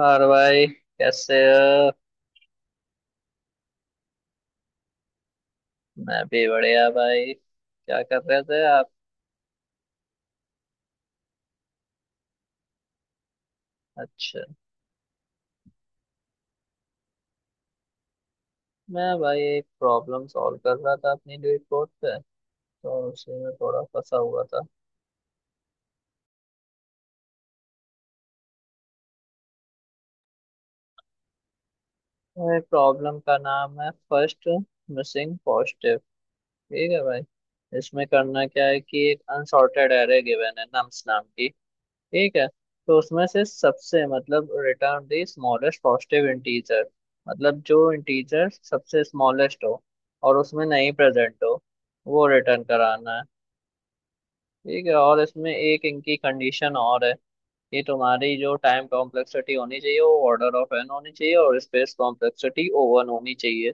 और भाई। कैसे हो। मैं भी बढ़िया भाई, क्या कर रहे थे आप। अच्छा। मैं भाई एक प्रॉब्लम सॉल्व कर रहा था अपनी रिपोर्ट पे, तो उसी में थोड़ा फंसा हुआ था। भाई प्रॉब्लम का नाम है फर्स्ट मिसिंग पॉजिटिव। ठीक है भाई। इसमें करना क्या है कि एक अनसॉर्टेड एरे गिवन है नम्स नाम की। ठीक है। तो उसमें से सबसे मतलब return the smallest positive integer, मतलब जो इंटीजर सबसे स्मॉलेस्ट हो और उसमें नहीं प्रेजेंट हो, वो रिटर्न कराना है। ठीक है। और इसमें एक इनकी कंडीशन और है कि तुम्हारी जो टाइम कॉम्प्लेक्सिटी होनी चाहिए वो ऑर्डर ऑफ एन होनी चाहिए और स्पेस कॉम्प्लेक्सिटी ओ वन होनी चाहिए।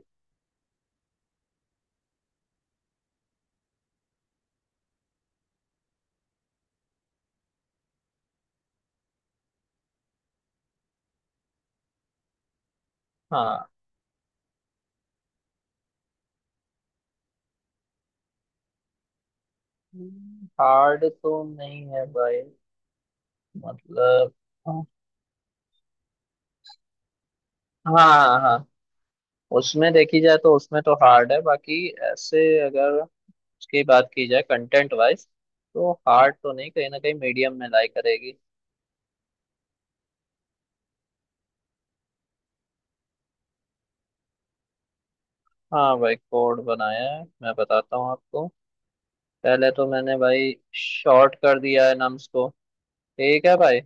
हाँ। हार्ड तो नहीं है भाई, मतलब। हाँ हाँ। हाँ, उसमें देखी जाए तो उसमें तो हार्ड है, बाकी ऐसे। अगर उसकी बात की जाए कंटेंट वाइज तो हार्ड तो नहीं, कहीं ना कहीं मीडियम में लाई करेगी। हाँ भाई, कोड बनाया है, मैं बताता हूँ आपको। पहले तो मैंने भाई शॉर्ट कर दिया है नम्स को। ठीक है भाई।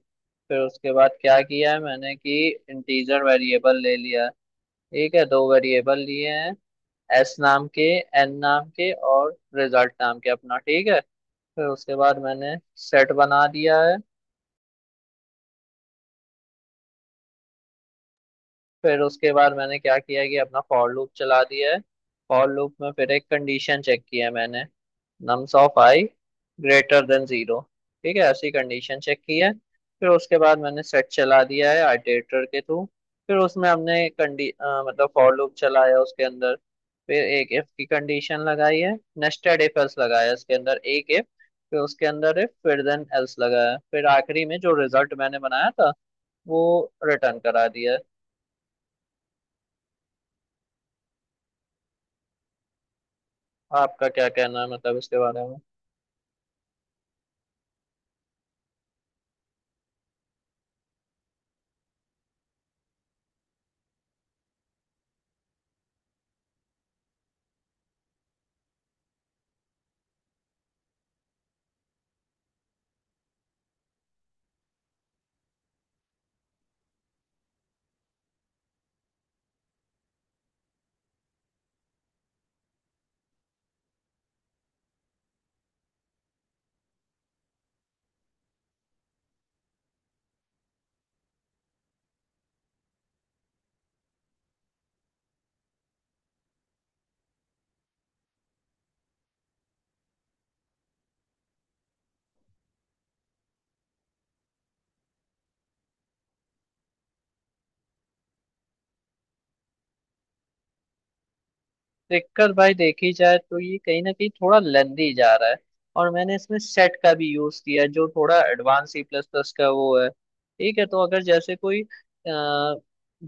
फिर उसके बाद क्या किया है मैंने कि इंटीजर वेरिएबल ले लिया है। ठीक है, दो वेरिएबल लिए हैं, एस नाम के, एन नाम के और रिजल्ट नाम के अपना। ठीक है। फिर उसके बाद मैंने सेट बना दिया है। फिर उसके बाद मैंने क्या किया कि अपना फॉर लूप चला दिया है। फॉर लूप में फिर एक कंडीशन चेक किया है मैंने, nums of I greater than zero. ठीक है, ऐसी कंडीशन चेक की है। फिर उसके बाद मैंने सेट चला दिया है आइटरेटर के थ्रू। फिर उसमें हमने मतलब फॉर लूप चलाया उसके अंदर। फिर एक इफ की कंडीशन लगाई है, नेस्टेड इफ एल्स लगाया, इसके अंदर एक इफ, फिर उसके अंदर इफ फिर देन एल्स लगाया। फिर आखिरी में जो रिजल्ट मैंने बनाया था वो रिटर्न करा दिया है। आपका क्या कहना है मतलब इसके बारे में। दिक्कत भाई देखी जाए तो ये कहीं ना कहीं थोड़ा लेंदी जा रहा है। और मैंने इसमें सेट का भी यूज किया है, जो थोड़ा एडवांस सी प्लस प्लस का वो है। ठीक है, तो अगर जैसे कोई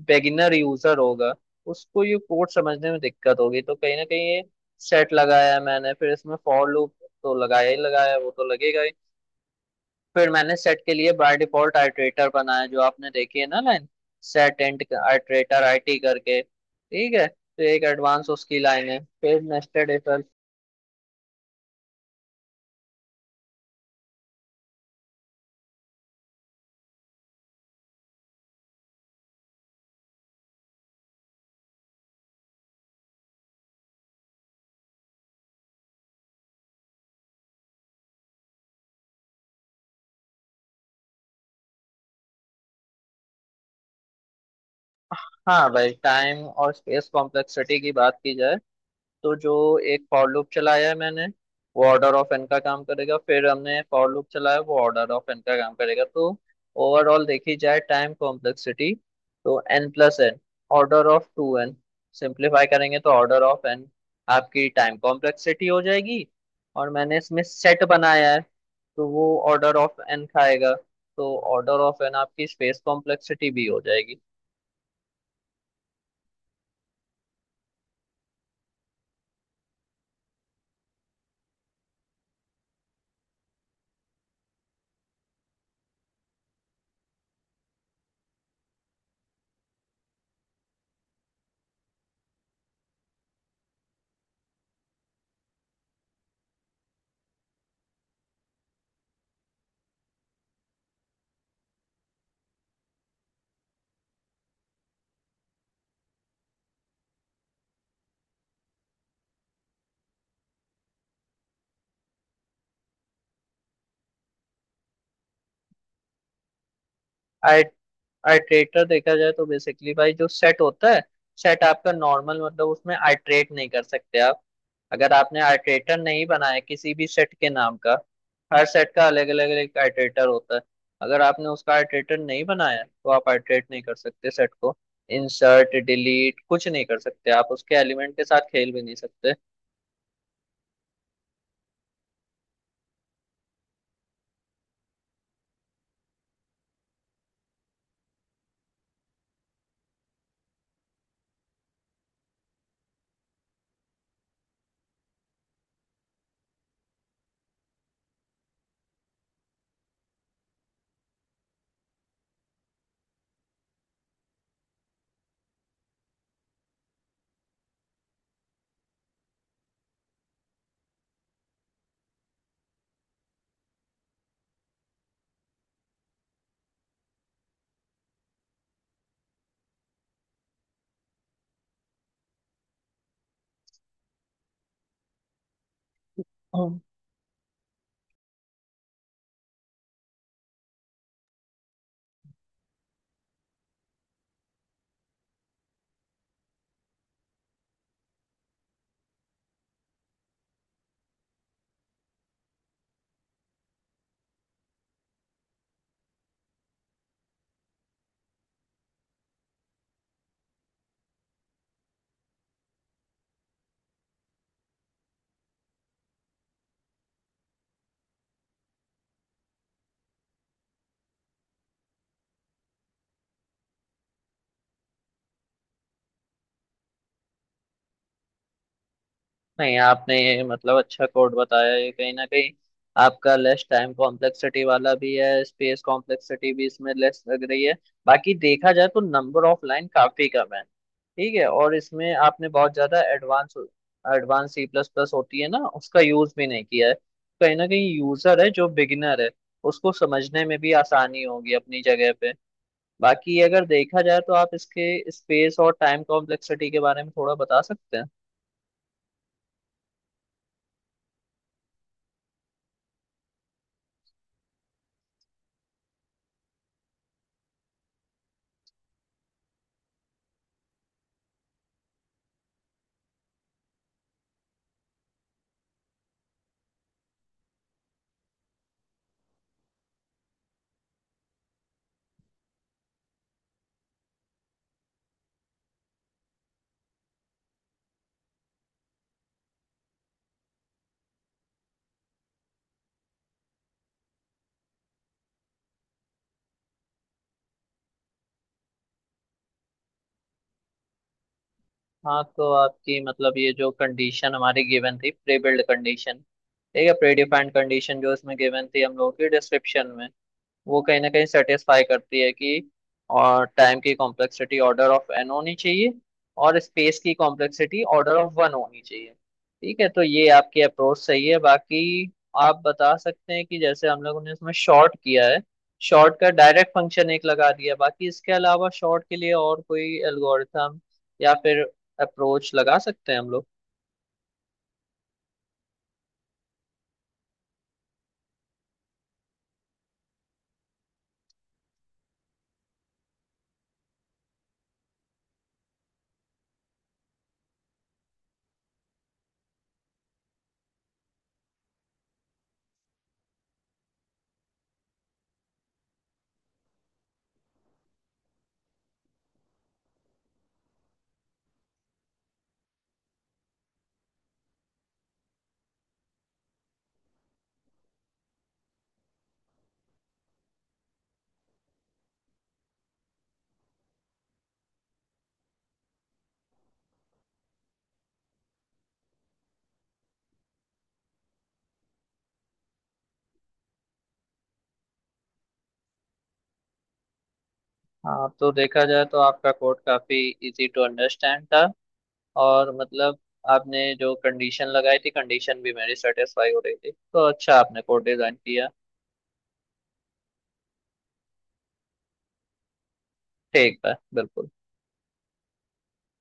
बेगिनर यूजर होगा, उसको ये कोड समझने में दिक्कत होगी। तो कहीं ना कहीं ये सेट लगाया है मैंने, फिर इसमें फॉर लूप तो लगाया ही लगाया है, वो तो लगेगा ही। फिर मैंने सेट के लिए बाय डिफॉल्ट आइटरेटर बनाया जो आपने देखी है ना line, set and iterator IT करके। ठीक है, तो एक एडवांस उसकी लाइन है, फिर नेस्टेड इफ एल्स। हाँ भाई, टाइम और स्पेस कॉम्प्लेक्सिटी की बात की जाए तो जो एक फॉर लूप चलाया है मैंने, वो ऑर्डर ऑफ एन का काम करेगा। फिर हमने फॉर लूप चलाया, वो ऑर्डर ऑफ एन का काम करेगा। तो ओवरऑल देखी जाए टाइम कॉम्प्लेक्सिटी, तो N plus N, order of two N, simplify करेंगे तो ऑर्डर ऑफ एन आपकी टाइम कॉम्प्लेक्सिटी हो जाएगी। और मैंने इसमें सेट बनाया है, तो वो ऑर्डर ऑफ एन खाएगा। तो ऑर्डर ऑफ एन आपकी स्पेस कॉम्प्लेक्सिटी भी हो जाएगी। आइट्रेटर देखा जाए तो बेसिकली भाई, जो सेट होता है, सेट आपका नॉर्मल, मतलब उसमें आइट्रेट नहीं कर सकते आप, अगर आपने आइट्रेटर नहीं बनाया किसी भी सेट के नाम का। हर सेट का अलग अलग एक आइट्रेटर होता है। अगर आपने उसका आइट्रेटर नहीं बनाया तो आप आइट्रेट नहीं कर सकते सेट को, इंसर्ट डिलीट कुछ नहीं कर सकते आप, उसके एलिमेंट के साथ खेल भी नहीं सकते। नहीं, आपने ये मतलब अच्छा कोड बताया। ये कहीं ना कहीं आपका लेस टाइम कॉम्प्लेक्सिटी वाला भी है, स्पेस कॉम्प्लेक्सिटी भी इसमें लेस लग रही है। बाकी देखा जाए तो नंबर ऑफ लाइन काफी कम है। ठीक है, और इसमें आपने बहुत ज्यादा advance advance C plus plus होती है ना, उसका यूज भी नहीं किया है। कहीं ना कहीं यूजर है जो बिगिनर है, उसको समझने में भी आसानी होगी अपनी जगह पे। बाकी अगर देखा जाए तो आप इसके स्पेस और टाइम कॉम्प्लेक्सिटी के बारे में थोड़ा बता सकते हैं। हाँ, तो आपकी मतलब ये जो कंडीशन हमारी गिवन थी प्री बिल्ड कंडीशन, ठीक है, प्री डिफाइंड कंडीशन जो इसमें गिवन थी हम लोगों की डिस्क्रिप्शन में, वो कहीं ना कहीं सेटिस्फाई करती है कि और टाइम की कॉम्प्लेक्सिटी ऑर्डर ऑफ एन होनी चाहिए और स्पेस की कॉम्प्लेक्सिटी ऑर्डर ऑफ वन होनी चाहिए। ठीक है, तो ये आपकी अप्रोच सही है। बाकी आप बता सकते हैं कि जैसे हम लोगों ने इसमें शॉर्ट किया है, शॉर्ट का डायरेक्ट फंक्शन एक लगा दिया, बाकी इसके अलावा शॉर्ट के लिए और कोई एल्गोरिथम या फिर अप्रोच लगा सकते हैं हम लोग। हाँ, तो देखा जाए तो आपका कोड काफी इजी टू अंडरस्टैंड था। और मतलब आपने जो कंडीशन लगाई थी, कंडीशन भी मेरी सेटिस्फाई हो रही थी, तो अच्छा आपने कोड डिजाइन किया। ठीक है बिल्कुल।